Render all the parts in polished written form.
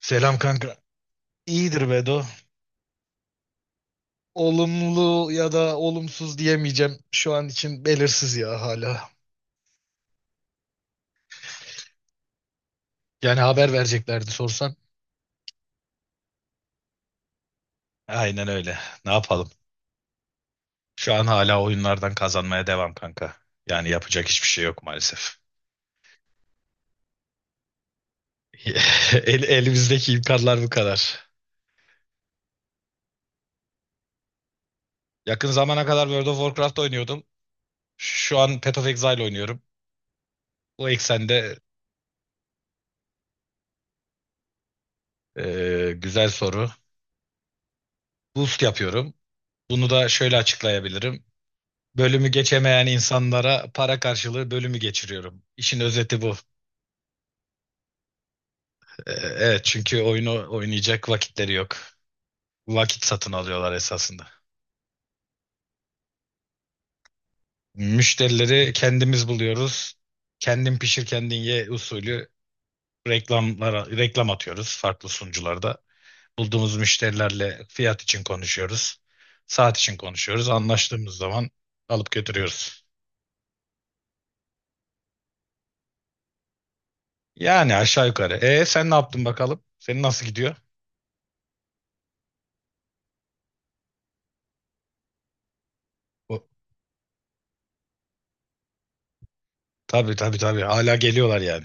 Selam kanka. İyidir Bedo. Olumlu ya da olumsuz diyemeyeceğim. Şu an için belirsiz ya hala. Yani haber vereceklerdi sorsan. Aynen öyle. Ne yapalım? Şu an hala oyunlardan kazanmaya devam kanka. Yani yapacak hiçbir şey yok maalesef. Elimizdeki imkanlar bu kadar. Yakın zamana kadar World of Warcraft oynuyordum. Şu an Path of Exile oynuyorum. Bu eksende. Güzel soru. Boost yapıyorum. Bunu da şöyle açıklayabilirim. Bölümü geçemeyen insanlara para karşılığı bölümü geçiriyorum. İşin özeti bu. Evet, çünkü oyunu oynayacak vakitleri yok. Vakit satın alıyorlar esasında. Müşterileri kendimiz buluyoruz. Kendin pişir kendin ye usulü reklamlara reklam atıyoruz farklı sunucularda. Bulduğumuz müşterilerle fiyat için konuşuyoruz. Saat için konuşuyoruz. Anlaştığımız zaman alıp götürüyoruz. Yani aşağı yukarı. E, sen ne yaptın bakalım? Senin nasıl gidiyor? Tabii, tabii, tabii. Hala geliyorlar yani.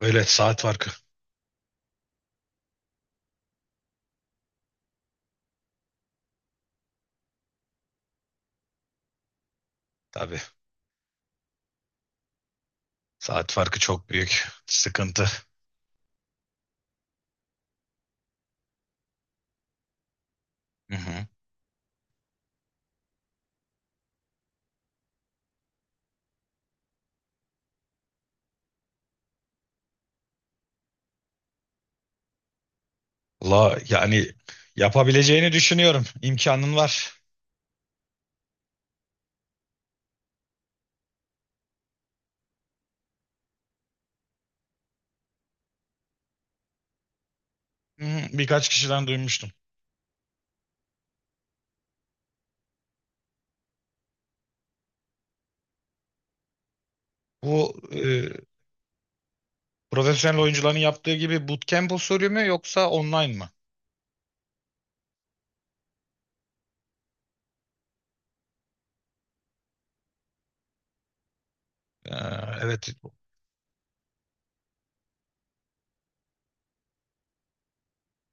Öyle saat farkı. Tabii. Saat farkı çok büyük sıkıntı. Hı hı. La yani yapabileceğini düşünüyorum. İmkanın var. Hı hı. Birkaç kişiden duymuştum. Bu profesyonel oyuncuların yaptığı gibi bootcamp usulü mü yoksa online mı? Ee, evet.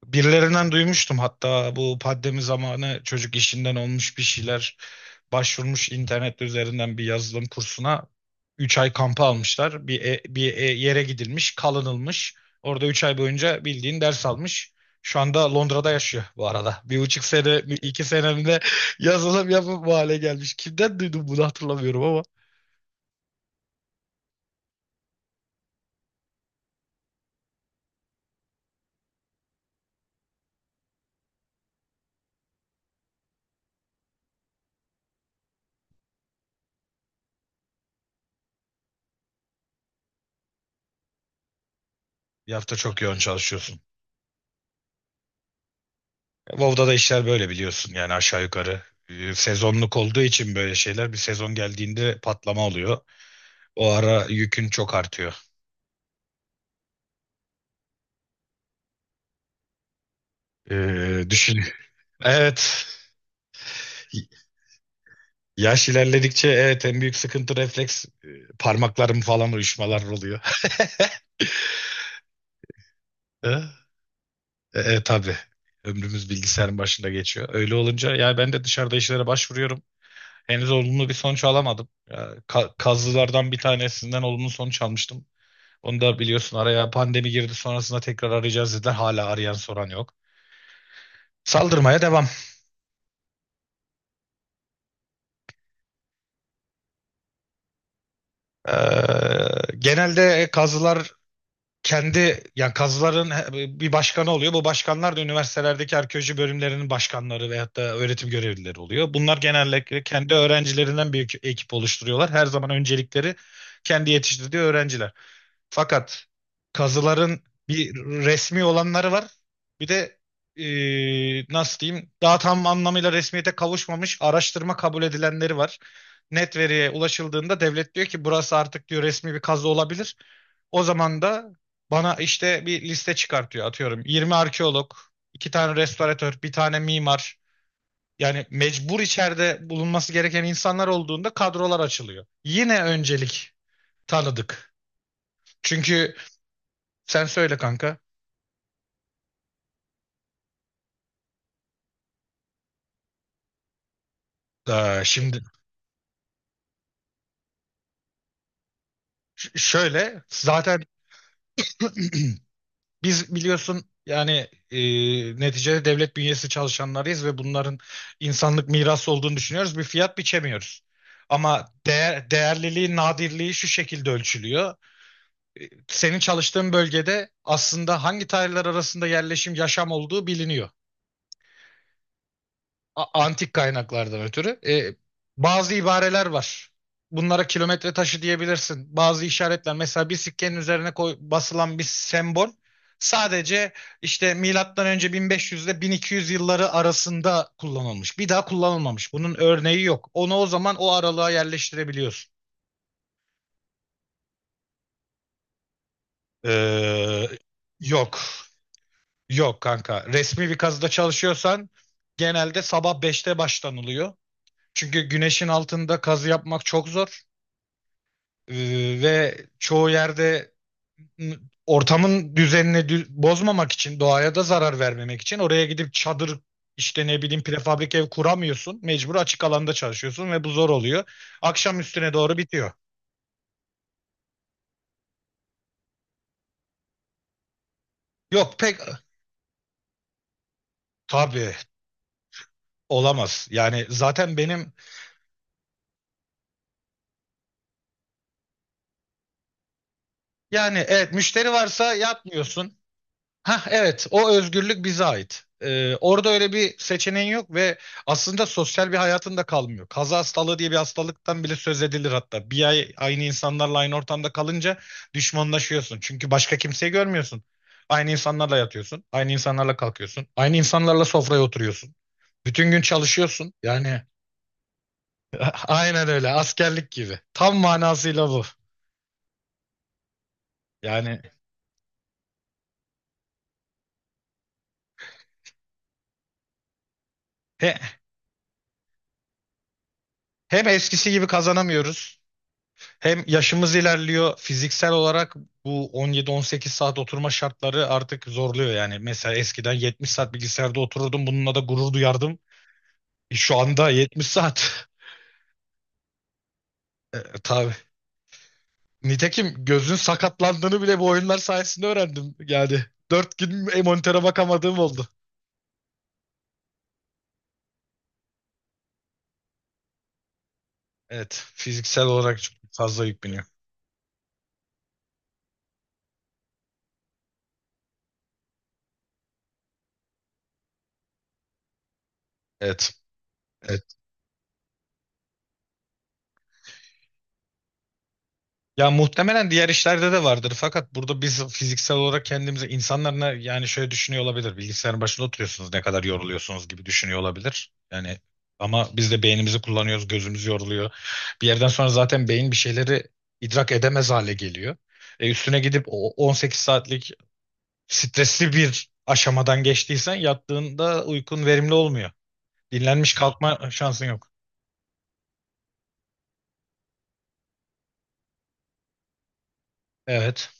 Birilerinden duymuştum hatta, bu pandemi zamanı çocuk işinden olmuş, bir şeyler başvurmuş internet üzerinden bir yazılım kursuna, 3 ay kampı almışlar. Bir yere gidilmiş, kalınılmış. Orada 3 ay boyunca bildiğin ders almış. Şu anda Londra'da yaşıyor bu arada. 1,5 sene, 2 senemde yazılım yapıp bu hale gelmiş. Kimden duydum bunu hatırlamıyorum ama. Bir hafta çok yoğun çalışıyorsun. WoW'da da işler böyle biliyorsun yani, aşağı yukarı. Sezonluk olduğu için böyle şeyler, bir sezon geldiğinde patlama oluyor. O ara yükün çok artıyor. Düşün. Evet. Yaş ilerledikçe evet en büyük sıkıntı refleks, parmaklarım falan uyuşmalar oluyor. E, tabii. Ömrümüz bilgisayarın başında geçiyor. Öyle olunca ya, ben de dışarıda işlere başvuruyorum. Henüz olumlu bir sonuç alamadım. Ya, kazılardan bir tanesinden olumlu sonuç almıştım. Onu da biliyorsun, araya pandemi girdi, sonrasında tekrar arayacağız dediler. Hala arayan soran yok. Saldırmaya devam. Ee, Genelde kazılar kendi yani kazıların bir başkanı oluyor. Bu başkanlar da üniversitelerdeki arkeoloji bölümlerinin başkanları veyahut da öğretim görevlileri oluyor. Bunlar genellikle kendi öğrencilerinden bir ekip oluşturuyorlar. Her zaman öncelikleri kendi yetiştirdiği öğrenciler. Fakat kazıların bir resmi olanları var. Bir de nasıl diyeyim, daha tam anlamıyla resmiyete kavuşmamış araştırma kabul edilenleri var. Net veriye ulaşıldığında devlet diyor ki burası artık diyor resmi bir kazı olabilir. O zaman da bana işte bir liste çıkartıyor atıyorum. 20 arkeolog, 2 tane restoratör, bir tane mimar. Yani mecbur içeride bulunması gereken insanlar olduğunda kadrolar açılıyor. Yine öncelik tanıdık. Çünkü sen söyle kanka. Şimdi şöyle, zaten biz biliyorsun yani, e, neticede devlet bünyesi çalışanlarıyız ve bunların insanlık mirası olduğunu düşünüyoruz. Bir fiyat biçemiyoruz. Ama değer, değerliliği, nadirliği şu şekilde ölçülüyor. E, Senin çalıştığın bölgede aslında hangi tarihler arasında yerleşim, yaşam olduğu biliniyor. Antik kaynaklardan ötürü, bazı ibareler var. Bunlara kilometre taşı diyebilirsin. Bazı işaretler, mesela bir sikkenin üzerine koy, basılan bir sembol sadece işte milattan önce 1500 ile 1200 yılları arasında kullanılmış. Bir daha kullanılmamış. Bunun örneği yok. Onu o zaman o aralığa yerleştirebiliyorsun. Ee, Yok. Yok kanka. Resmi bir kazıda çalışıyorsan genelde sabah 5'te başlanılıyor. Çünkü güneşin altında kazı yapmak çok zor. Ee, Ve çoğu yerde, m, ortamın düzenini bozmamak için, doğaya da zarar vermemek için oraya gidip çadır, işte ne bileyim, prefabrik ev kuramıyorsun. Mecbur açık alanda çalışıyorsun ve bu zor oluyor. Akşam üstüne doğru bitiyor. Yok, pek tabii olamaz. Yani zaten benim, yani evet, müşteri varsa yapmıyorsun. Ha, evet, o özgürlük bize ait. Orada öyle bir seçeneğin yok ve aslında sosyal bir hayatın da kalmıyor. Kaza hastalığı diye bir hastalıktan bile söz edilir hatta. Bir ay aynı insanlarla aynı ortamda kalınca düşmanlaşıyorsun. Çünkü başka kimseyi görmüyorsun. Aynı insanlarla yatıyorsun, aynı insanlarla kalkıyorsun, aynı insanlarla sofraya oturuyorsun. Bütün gün çalışıyorsun. Yani aynen öyle, askerlik gibi. Tam manasıyla bu. Yani he- hem eskisi gibi kazanamıyoruz. Hem yaşımız ilerliyor, fiziksel olarak bu 17-18 saat oturma şartları artık zorluyor yani. Mesela eskiden 70 saat bilgisayarda otururdum, bununla da gurur duyardım. Şu anda 70 saat. E, tabii. Nitekim gözün sakatlandığını bile bu oyunlar sayesinde öğrendim. Yani dört gün monitöre bakamadığım oldu. Evet, fiziksel olarak çok fazla yük biniyor. Evet. Ya, muhtemelen diğer işlerde de vardır. Fakat burada biz fiziksel olarak kendimize insanlar yani şöyle düşünüyor olabilir. Bilgisayarın başında oturuyorsunuz, ne kadar yoruluyorsunuz gibi düşünüyor olabilir. Yani ama biz de beynimizi kullanıyoruz, gözümüz yoruluyor. Bir yerden sonra zaten beyin bir şeyleri idrak edemez hale geliyor. E, üstüne gidip o 18 saatlik stresli bir aşamadan geçtiysen yattığında uykun verimli olmuyor. Dinlenmiş kalkma şansın yok. Evet.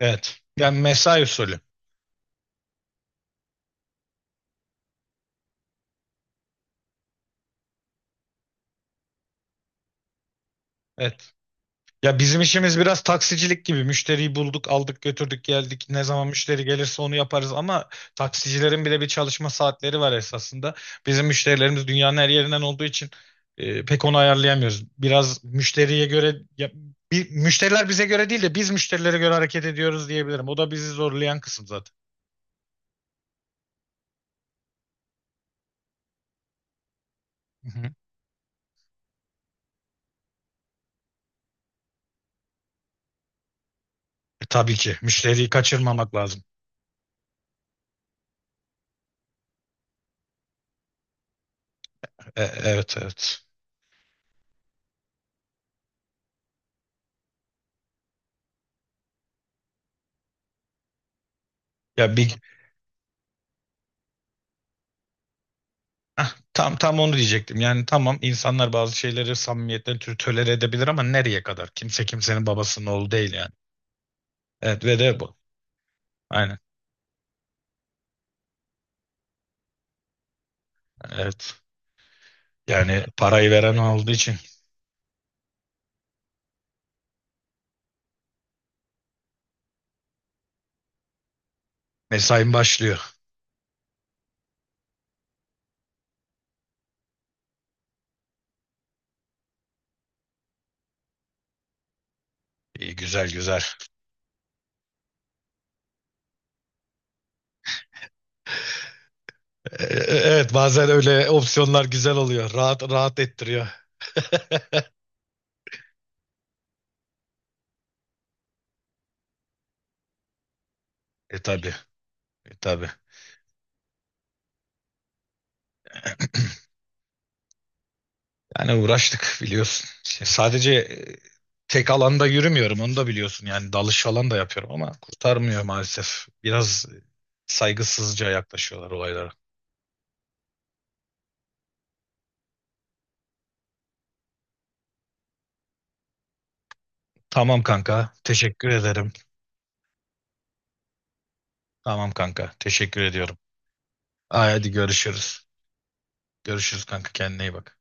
Evet. Yani mesai usulü. Evet. Ya, bizim işimiz biraz taksicilik gibi. Müşteriyi bulduk, aldık, götürdük, geldik. Ne zaman müşteri gelirse onu yaparız ama taksicilerin bile bir çalışma saatleri var esasında. Bizim müşterilerimiz dünyanın her yerinden olduğu için pek onu ayarlayamıyoruz. Biraz müşteriye göre ya, müşteriler bize göre değil de biz müşterilere göre hareket ediyoruz diyebilirim. O da bizi zorlayan kısım zaten. Hı hı. Tabii ki müşteriyi kaçırmamak lazım. Evet, evet. Ya bir Tam tam onu diyecektim. Yani tamam, insanlar bazı şeyleri, samimiyetleri tölere edebilir ama nereye kadar? Kimse kimsenin babasının oğlu değil yani. Evet, ve de bu. Aynen. Evet. Yani parayı veren olduğu için mesain başlıyor. İyi, güzel güzel. Ee, evet, bazen öyle opsiyonlar güzel oluyor. Rahat rahat ettiriyor. Tabii. Tabii. Yani uğraştık biliyorsun. İşte sadece, tek alanda yürümüyorum, onu da biliyorsun. Yani dalış falan da yapıyorum ama kurtarmıyor maalesef. Biraz saygısızca yaklaşıyorlar olaylara. Tamam kanka, teşekkür ederim. Tamam kanka, teşekkür ediyorum. Ay, hadi görüşürüz. Görüşürüz kanka, kendine iyi bak.